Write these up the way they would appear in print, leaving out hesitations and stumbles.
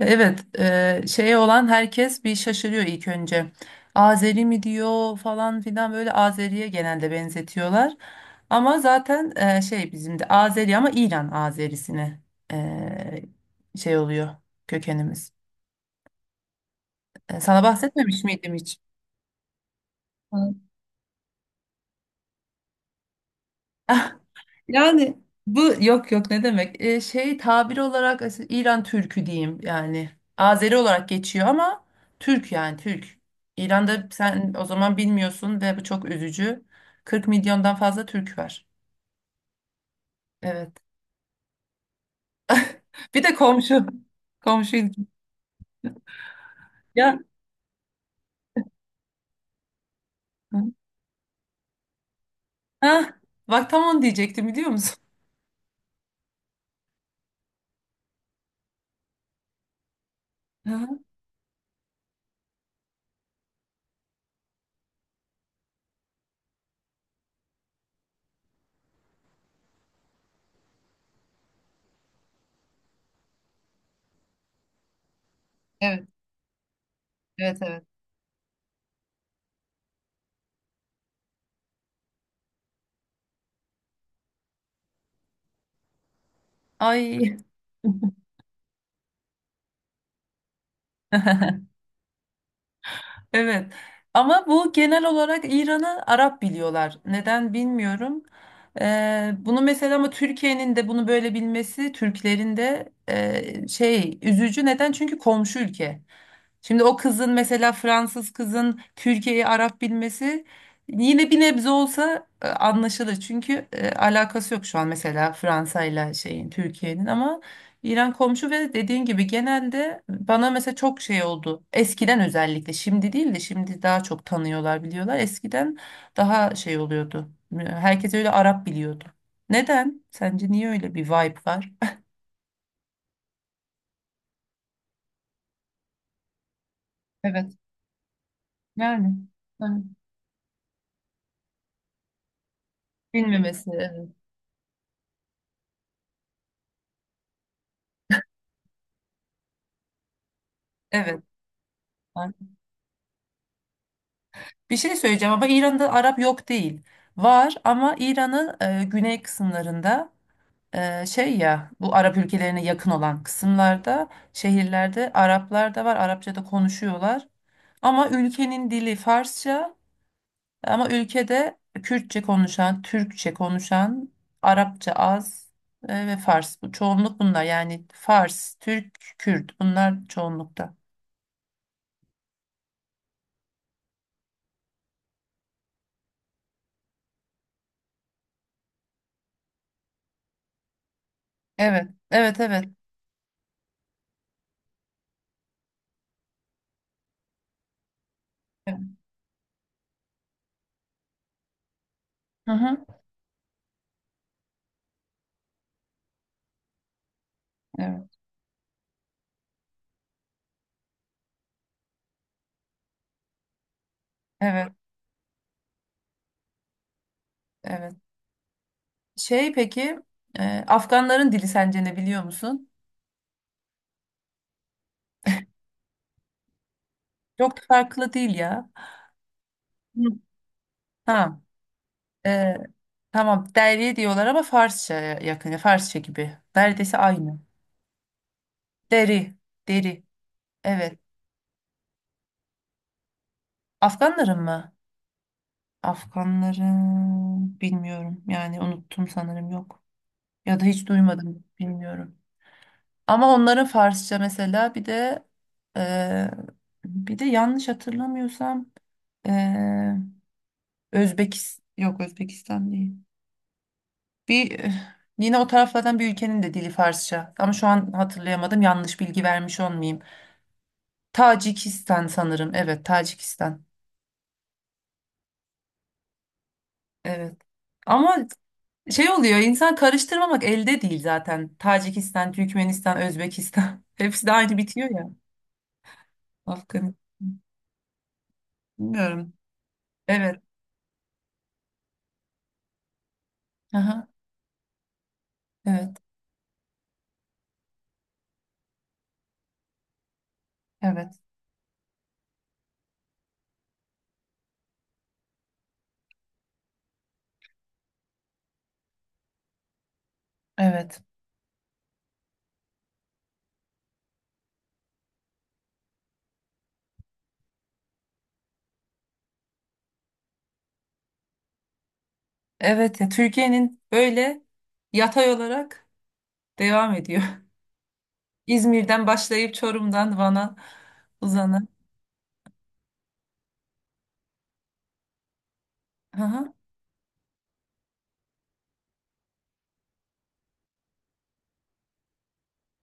Evet, şeye olan herkes bir şaşırıyor ilk önce. Azeri mi diyor falan filan, böyle Azeri'ye genelde benzetiyorlar. Ama zaten şey, bizim de Azeri ama İran Azerisine eee, şey oluyor kökenimiz. Sana bahsetmemiş miydim hiç? Evet. Yani bu yok ne demek? Şey, tabir olarak İran Türkü diyeyim yani. Azeri olarak geçiyor ama Türk, yani Türk. İran'da sen o zaman bilmiyorsun ve bu çok üzücü. 40 milyondan fazla Türk var. Evet. Bir de komşu. Komşu ilginç. Ya. Ha, bak tam onu diyecektim, biliyor musun? Hı hı. Evet, evet, evet. Ay. Evet. Ama bu genel olarak İran'ı Arap biliyorlar. Neden bilmiyorum. Bunu mesela, ama Türkiye'nin de bunu böyle bilmesi, Türklerin de, şey, üzücü. Neden? Çünkü komşu ülke. Şimdi o kızın mesela, Fransız kızın Türkiye'yi Arap bilmesi yine bir nebze olsa anlaşılır. Çünkü alakası yok şu an mesela Fransa ile şeyin, Türkiye'nin, ama İran komşu. Ve dediğin gibi genelde bana mesela çok şey oldu. Eskiden özellikle, şimdi değil de, şimdi daha çok tanıyorlar, biliyorlar. Eskiden daha şey oluyordu. Herkes öyle Arap biliyordu. Neden? Sence niye öyle bir vibe var? Evet. Yani. Hani. Bilmemesi. Evet. Evet. Bir şey söyleyeceğim, ama İran'da Arap yok değil. Var, ama İran'ın güney kısımlarında, şey ya, bu Arap ülkelerine yakın olan kısımlarda, şehirlerde Araplar da var. Arapça da konuşuyorlar. Ama ülkenin dili Farsça, ama ülkede Kürtçe konuşan, Türkçe konuşan, Arapça az, ve Fars. Bu çoğunluk, bunlar yani Fars, Türk, Kürt, bunlar çoğunlukta. Evet, evet, evet. Evet. Hı hı. Evet, evet, evet. Şey peki, Afganların dili sence ne, biliyor musun? Çok da farklı değil ya. Hı. Ha, e, tamam, deri diyorlar ama Farsça'ya yakın, Farsça gibi. Neredeyse aynı. Deri, deri. Evet. Afganların mı? Afganların bilmiyorum. Yani unuttum sanırım, yok. Ya da hiç duymadım, bilmiyorum. Ama onların Farsça, mesela bir de e, bir de yanlış hatırlamıyorsam e, Özbekistan, yok Özbekistan değil. Bir yine o taraflardan bir ülkenin de dili Farsça. Ama şu an hatırlayamadım. Yanlış bilgi vermiş olmayayım. Tacikistan sanırım. Evet, Tacikistan. Evet. Ama şey oluyor, insan karıştırmamak elde değil zaten. Tacikistan, Türkmenistan, Özbekistan. Hepsi de aynı bitiyor ya. Afganistan. Bilmiyorum. Evet. Aha. Evet. Evet. Evet. Evet ya, Türkiye'nin böyle yatay olarak devam ediyor. İzmir'den başlayıp Çorum'dan Van'a uzanan. Hı hı.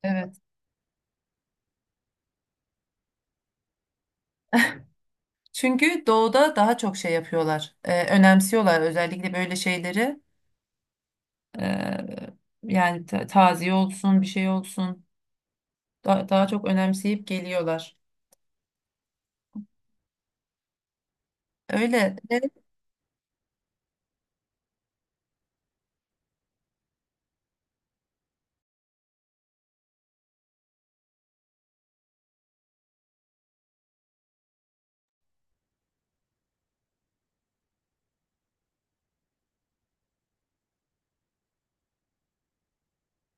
Evet. Çünkü doğuda daha çok şey yapıyorlar. Önemsiyorlar, özellikle böyle şeyleri. Ee, Yani taziye olsun, bir şey olsun. Daha çok önemseyip geliyorlar. Öyle.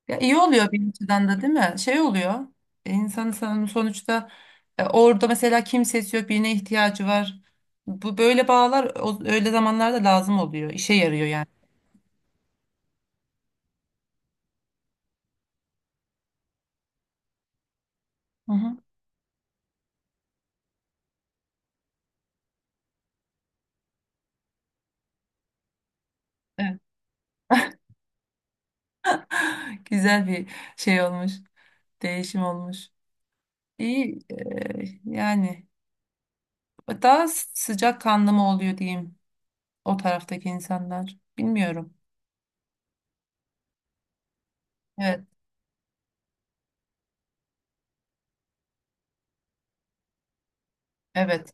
Ya iyi oluyor bir açıdan da değil mi? Şey oluyor. İnsanın sonuçta orada mesela kimsesi yok, birine ihtiyacı var. Bu böyle bağlar öyle zamanlarda lazım oluyor. İşe yarıyor yani. Hı hı. Güzel bir şey olmuş. Değişim olmuş. İyi, yani daha sıcak kanlı mı oluyor diyeyim, o taraftaki insanlar. Bilmiyorum. Evet, evet.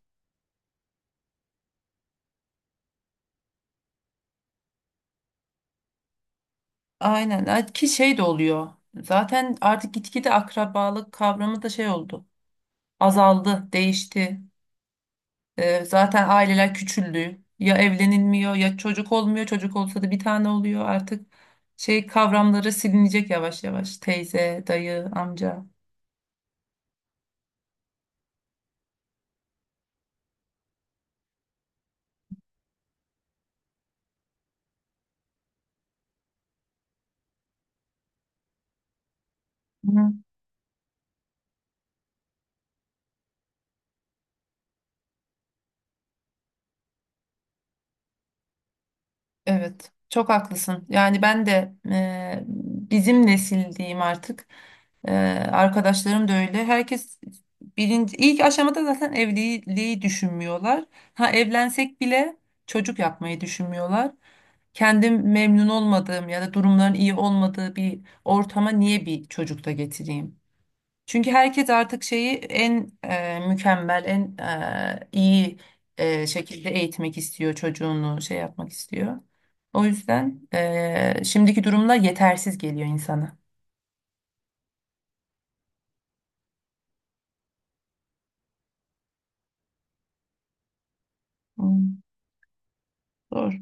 Aynen. Ha, ki şey de oluyor. Zaten artık gitgide akrabalık kavramı da şey oldu. Azaldı, değişti. Zaten aileler küçüldü. Ya evlenilmiyor, ya çocuk olmuyor. Çocuk olsa da bir tane oluyor. Artık şey kavramları silinecek yavaş yavaş. Teyze, dayı, amca. Hı. Evet, çok haklısın. Yani ben de, bizim nesil diyeyim artık. E, Arkadaşlarım da öyle. Herkes birinci, ilk aşamada zaten evliliği düşünmüyorlar. Ha evlensek bile çocuk yapmayı düşünmüyorlar. Kendim memnun olmadığım ya da durumların iyi olmadığı bir ortama niye bir çocuk da getireyim? Çünkü herkes artık şeyi en mükemmel, en iyi şekilde eğitmek istiyor, çocuğunu şey yapmak istiyor. O yüzden şimdiki durumlar yetersiz geliyor insana. Hmm, zor.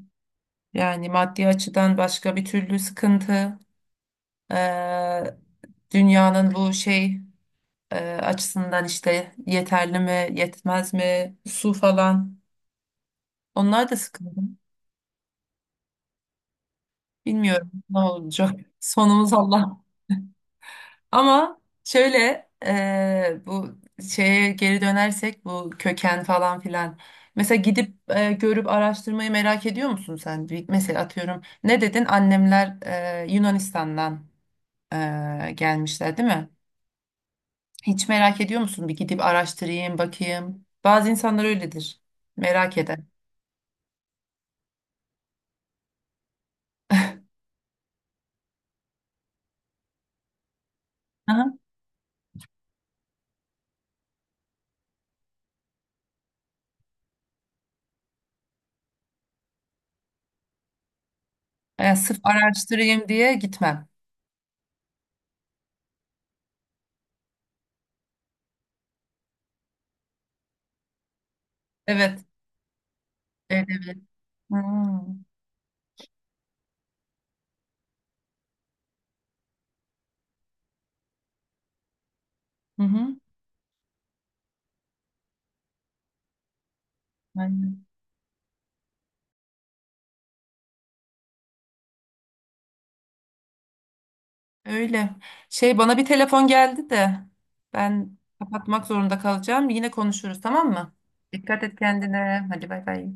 Yani maddi açıdan başka, bir türlü sıkıntı. e, Dünyanın bu şey açısından, işte yeterli mi, yetmez mi, su falan. Onlar da sıkıntı. Bilmiyorum ne olacak. Sonumuz Allah. Ama şöyle bu şeye geri dönersek, bu köken falan filan. Mesela gidip görüp araştırmayı merak ediyor musun sen? Bir- mesela atıyorum, ne dedin? Annemler Yunanistan'dan gelmişler değil mi? Hiç merak ediyor musun? Bir gidip araştırayım, bakayım. Bazı insanlar öyledir. Merak eder. Aha. Sırf araştırayım diye gitmem. Evet. Evet, evet. Hmm. Hı hı. Aynen. Öyle. Şey, bana bir telefon geldi de ben kapatmak zorunda kalacağım. Yine konuşuruz, tamam mı? Dikkat et kendine. Hadi bay bay.